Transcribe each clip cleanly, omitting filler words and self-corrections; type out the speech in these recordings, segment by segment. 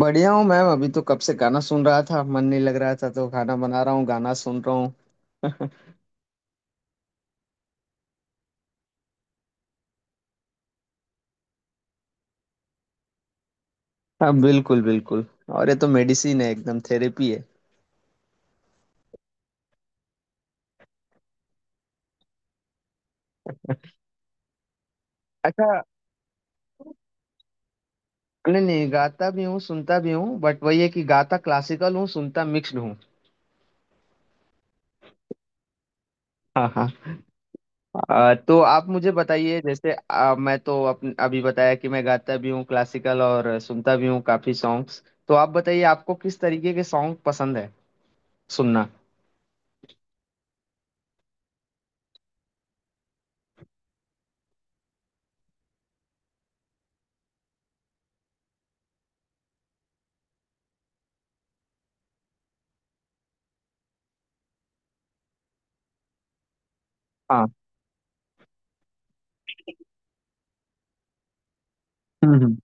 बढ़िया हूँ मैम। अभी तो कब से गाना सुन रहा था, मन नहीं लग रहा था तो खाना बना रहा हूँ, गाना सुन रहा हूँ। हाँ, बिल्कुल बिल्कुल। और ये तो मेडिसिन है, एकदम थेरेपी है। अच्छा। नहीं नहीं, गाता भी हूँ सुनता भी हूँ, बट वही है कि गाता क्लासिकल हूँ, सुनता मिक्स्ड हूँ। हाँ हाँ। तो आप मुझे बताइए, जैसे मैं तो अपन अभी बताया कि मैं गाता भी हूँ क्लासिकल और सुनता भी हूँ काफी सॉन्ग्स। तो आप बताइए आपको किस तरीके के सॉन्ग पसंद है सुनना। हाँ। हम्म हम्म।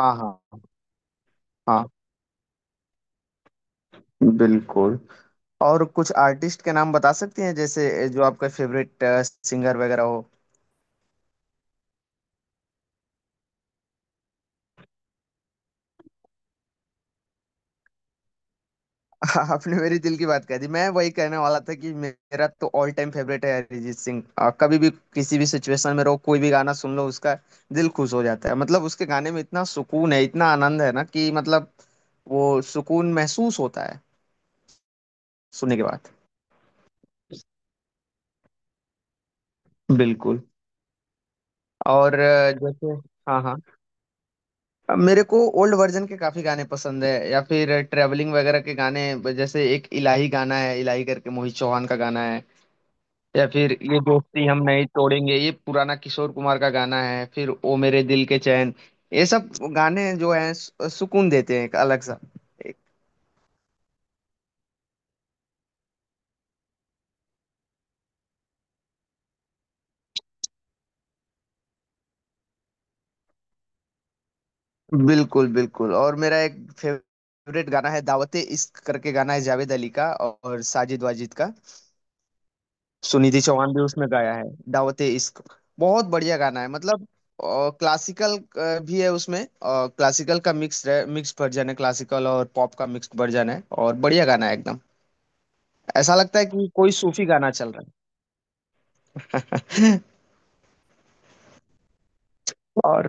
हाँ हाँ। हाँ, बिल्कुल। और कुछ आर्टिस्ट के नाम बता सकती हैं, जैसे जो आपका फेवरेट सिंगर वगैरह हो। आपने मेरे दिल की बात कह दी। मैं वही कहने वाला था कि मेरा तो ऑल टाइम फेवरेट है अरिजीत सिंह। कभी भी किसी भी सिचुएशन में रहो, कोई भी गाना सुन लो उसका, दिल खुश हो जाता है। मतलब उसके गाने में इतना सुकून है, इतना आनंद है ना, कि मतलब वो सुकून महसूस होता है सुनने के बाद। बिल्कुल। और जैसे, हाँ हाँ, अब मेरे को ओल्ड वर्जन के काफी गाने पसंद है, या फिर ट्रैवलिंग वगैरह के गाने। जैसे एक इलाही गाना है, इलाही करके मोहित चौहान का गाना है। या फिर ये दोस्ती हम नहीं तोड़ेंगे, ये पुराना किशोर कुमार का गाना है। फिर ओ मेरे दिल के चैन। ये सब गाने जो हैं सुकून देते हैं, एक अलग सा। एक- बिल्कुल बिल्कुल। और मेरा एक फेवरेट गाना है दावते इश्क करके गाना है, जावेद अली का और साजिद वाजिद का। सुनिधि चौहान भी उसमें गाया है, दावते इश्क। बहुत बढ़िया गाना है, मतलब क्लासिकल भी है उसमें, क्लासिकल का मिक्स मिक्स वर्जन है, क्लासिकल और पॉप का मिक्स वर्जन है, और बढ़िया गाना है एकदम। ऐसा लगता है कि कोई सूफी गाना चल रहा है। और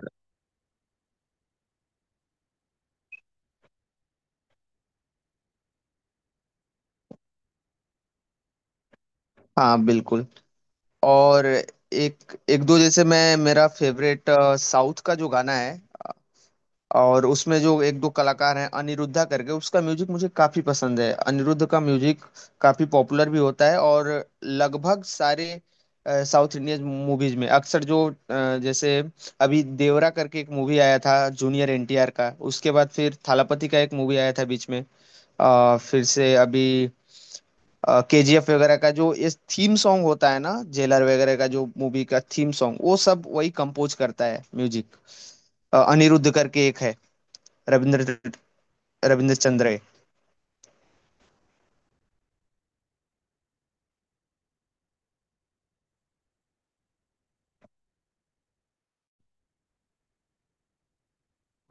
हाँ, बिल्कुल। और एक एक दो, जैसे मैं मेरा फेवरेट साउथ का जो गाना है, और उसमें जो एक दो कलाकार हैं अनिरुद्धा करके, उसका म्यूजिक मुझे काफी पसंद है। अनिरुद्ध का म्यूजिक काफी पॉपुलर भी होता है, और लगभग सारे साउथ इंडियन मूवीज में अक्सर जो जैसे अभी देवरा करके एक मूवी आया था जूनियर एनटीआर का, उसके बाद फिर थालापति का एक मूवी आया था बीच में, फिर से अभी केजीएफ वगैरह का जो इस थीम सॉन्ग होता है ना, जेलर वगैरह का जो मूवी का थीम सॉन्ग, वो सब वही कंपोज करता है म्यूजिक। अनिरुद्ध करके एक है, रविंद्र रविंद्र चंद्र है।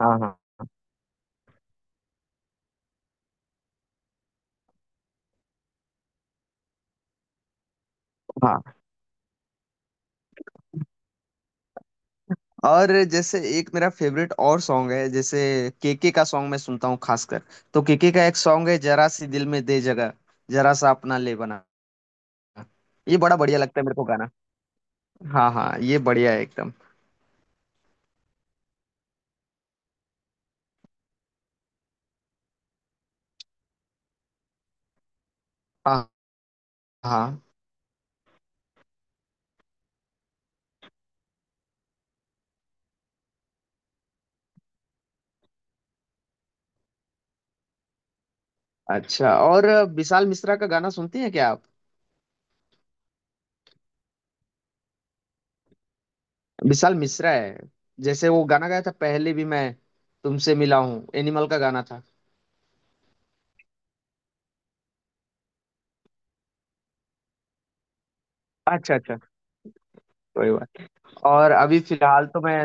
हाँ हाँ। हाँ, और जैसे एक मेरा फेवरेट और सॉन्ग है, जैसे केके का सॉन्ग मैं सुनता हूँ खासकर। तो केके का एक सॉन्ग है, जरा सी दिल में दे जगह, जरा सा अपना ले बना। ये बड़ा बढ़िया लगता है मेरे को गाना। हाँ हाँ, ये बढ़िया है एकदम। हाँ हाँ। अच्छा, और विशाल मिश्रा का गाना सुनती हैं क्या आप? विशाल मिश्रा है, जैसे वो गाना गाया था पहले भी, मैं तुमसे मिला हूँ, एनिमल का गाना था। अच्छा अच्छा, कोई बात। और अभी फिलहाल तो मैं,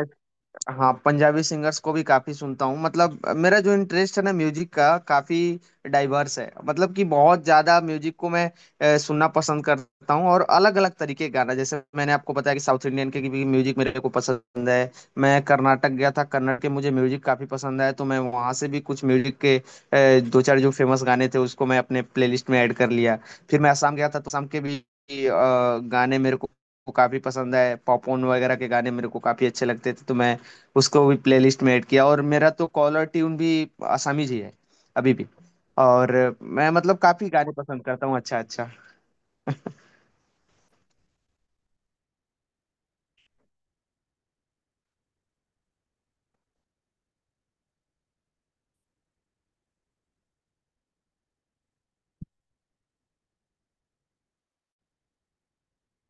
हाँ, पंजाबी सिंगर्स को भी काफी सुनता हूँ। मतलब मेरा जो इंटरेस्ट है ना म्यूजिक का, काफी डाइवर्स है। मतलब कि बहुत ज्यादा म्यूजिक को मैं सुनना पसंद करता हूँ, और अलग अलग तरीके के गाना, जैसे मैंने आपको बताया कि साउथ इंडियन के भी म्यूजिक मेरे को पसंद है। मैं कर्नाटक गया था, कर्नाटक के मुझे म्यूजिक काफी पसंद है, तो मैं वहाँ से भी कुछ म्यूजिक के दो चार जो फेमस गाने थे उसको मैं अपने प्लेलिस्ट में ऐड कर लिया। फिर मैं असम गया था, तो असम के भी गाने मेरे को काफी पसंद है। पॉपकॉर्न वगैरह के गाने मेरे को काफी अच्छे लगते थे, तो मैं उसको भी प्लेलिस्ट में ऐड किया। और मेरा तो कॉलर ट्यून भी आसामीज ही है अभी भी। और मैं मतलब काफी गाने पसंद करता हूँ। अच्छा अच्छा।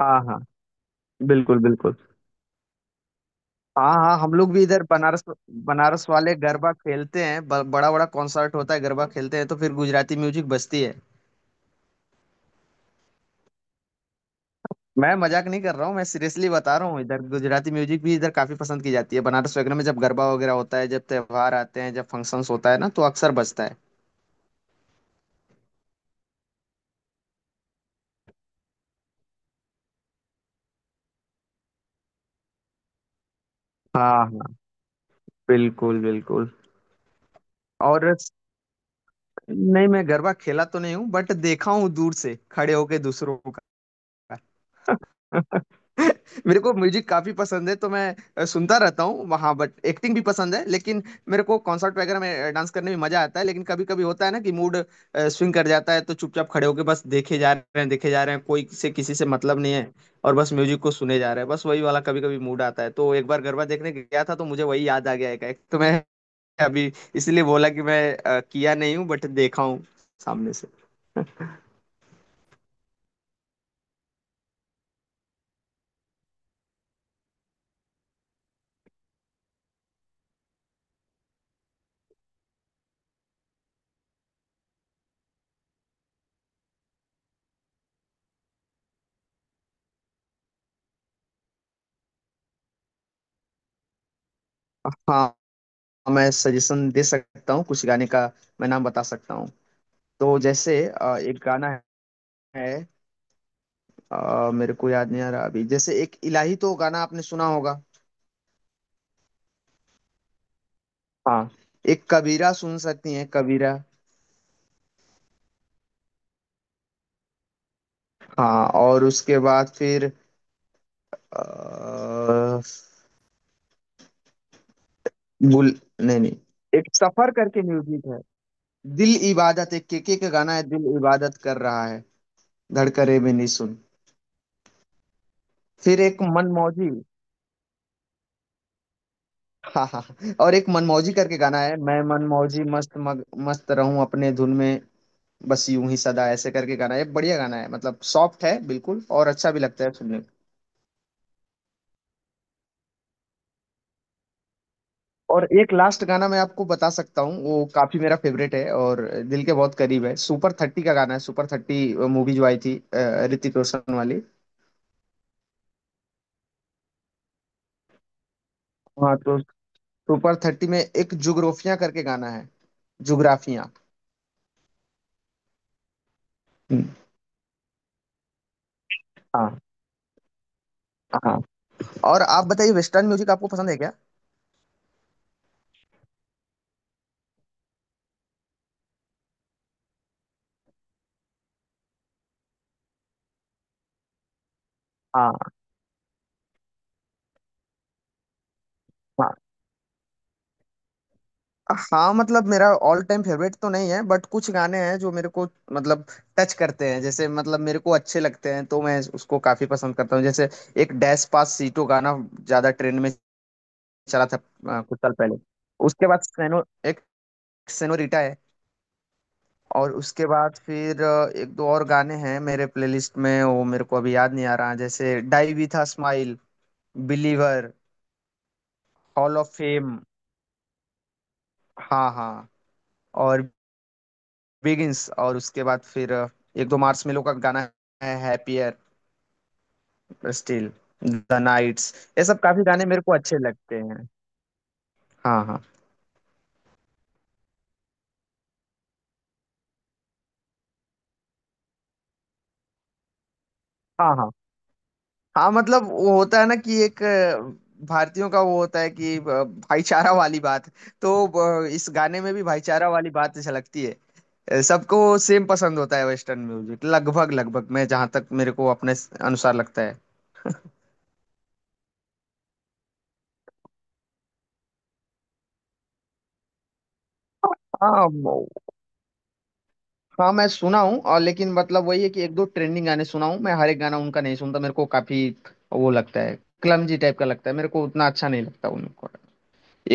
हाँ हाँ। बिल्कुल बिल्कुल। हाँ हाँ, हम लोग भी इधर बनारस, बनारस वाले गरबा खेलते हैं। बड़ा बड़ा कॉन्सर्ट होता है, गरबा खेलते हैं तो फिर गुजराती म्यूजिक बजती है। मैं मजाक नहीं कर रहा हूँ, मैं सीरियसली बता रहा हूँ, इधर गुजराती म्यूजिक भी इधर काफी पसंद की जाती है। बनारस वगैरह में जब गरबा वगैरह होता है, जब त्योहार आते हैं, जब फंक्शंस होता है ना, तो अक्सर बजता है। हाँ हाँ, बिल्कुल बिल्कुल। और नहीं, मैं गरबा खेला तो नहीं हूँ, बट देखा हूँ दूर से खड़े होके दूसरों का। मेरे को म्यूजिक काफी पसंद है, तो मैं सुनता रहता हूँ वहाँ, बट एक्टिंग भी पसंद है। लेकिन मेरे को कॉन्सर्ट वगैरह में डांस करने में मजा आता है, लेकिन कभी कभी होता है ना कि मूड स्विंग कर जाता है, तो चुपचाप खड़े होके बस देखे जा रहे हैं, देखे जा रहे हैं, कोई से किसी से मतलब नहीं है, और बस म्यूजिक को सुने जा रहे हैं, बस वही वाला कभी कभी मूड आता है। तो एक बार गरबा देखने गया था तो मुझे वही याद आ गया एक एक, तो मैं अभी इसलिए बोला कि मैं किया नहीं हूँ बट देखा हूँ सामने से। हाँ, मैं सजेशन दे सकता हूँ कुछ गाने का, मैं नाम बता सकता हूँ। तो जैसे एक गाना है, मेरे को याद नहीं आ रहा अभी। जैसे एक इलाही तो गाना आपने सुना होगा। हाँ। एक कबीरा, सुन सकती हैं कबीरा। हाँ, और उसके बाद फिर अ, गुल, नहीं नहीं, एक सफर करके म्यूजिक है। दिल इबादत, एक केके का गाना है, दिल इबादत कर रहा है, धड़करे भी नहीं सुन। फिर एक मनमौजी। हाँ हाँ हाँ। और एक मनमौजी करके गाना है, मैं मनमौजी मस्त मस्त रहूं अपने धुन में, बस यूं ही सदा ऐसे करके गाना है। ये बढ़िया गाना है, मतलब सॉफ्ट है बिल्कुल और अच्छा भी लगता है सुनने में। और एक लास्ट गाना मैं आपको बता सकता हूँ, वो काफी मेरा फेवरेट है और दिल के बहुत करीब है। सुपर थर्टी का गाना है, सुपर थर्टी मूवी जो आई थी ऋतिक रोशन वाली। हाँ, तो सुपर थर्टी में एक जुग्राफिया करके गाना है, जुग्राफिया। हाँ हाँ। और आप बताइए, वेस्टर्न म्यूजिक आपको पसंद है क्या? हाँ, हाँ मतलब, मेरा ऑल टाइम फेवरेट तो नहीं है बट कुछ गाने हैं जो मेरे को मतलब टच करते हैं, जैसे मतलब मेरे को अच्छे लगते हैं, तो मैं उसको काफी पसंद करता हूँ। जैसे एक डैश पास सीटो गाना ज्यादा ट्रेंड में चला था कुछ साल पहले। उसके बाद सेनो, एक सेनोरिटा है। और उसके बाद फिर एक दो और गाने हैं मेरे प्लेलिस्ट में, वो मेरे को अभी याद नहीं आ रहा। जैसे die with a smile, believer, hall of fame. हाँ हाँ। और बिगिंस, और उसके बाद फिर एक दो मार्शमेलो का गाना है, हैप्पियर, स्टिल, द नाइट्स। ये सब काफी गाने मेरे को अच्छे लगते हैं। हाँ हाँ। हाँ हाँ। हाँ मतलब, वो होता है ना कि एक भारतीयों का वो होता है कि भाईचारा वाली बात, तो इस गाने में भी भाईचारा वाली बात झलकती है। सबको सेम पसंद होता है वेस्टर्न म्यूजिक, लगभग लगभग, मैं जहाँ तक मेरे को अपने अनुसार लगता है। हाँ, हाँ मैं सुना हूँ, और लेकिन मतलब वही है कि एक दो ट्रेंडिंग गाने सुना हूँ मैं, हर एक गाना उनका नहीं सुनता। मेरे को काफी वो लगता है, क्लमजी टाइप का लगता है मेरे को, उतना अच्छा नहीं लगता उनको।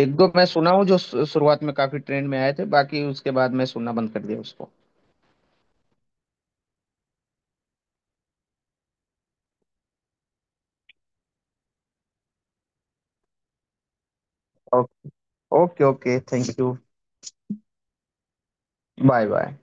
एक दो मैं सुना हूँ जो शुरुआत में काफी ट्रेंड में आए थे, बाकी उसके बाद मैं सुनना बंद कर दिया उसको। Okay okay, thank you. Bye bye.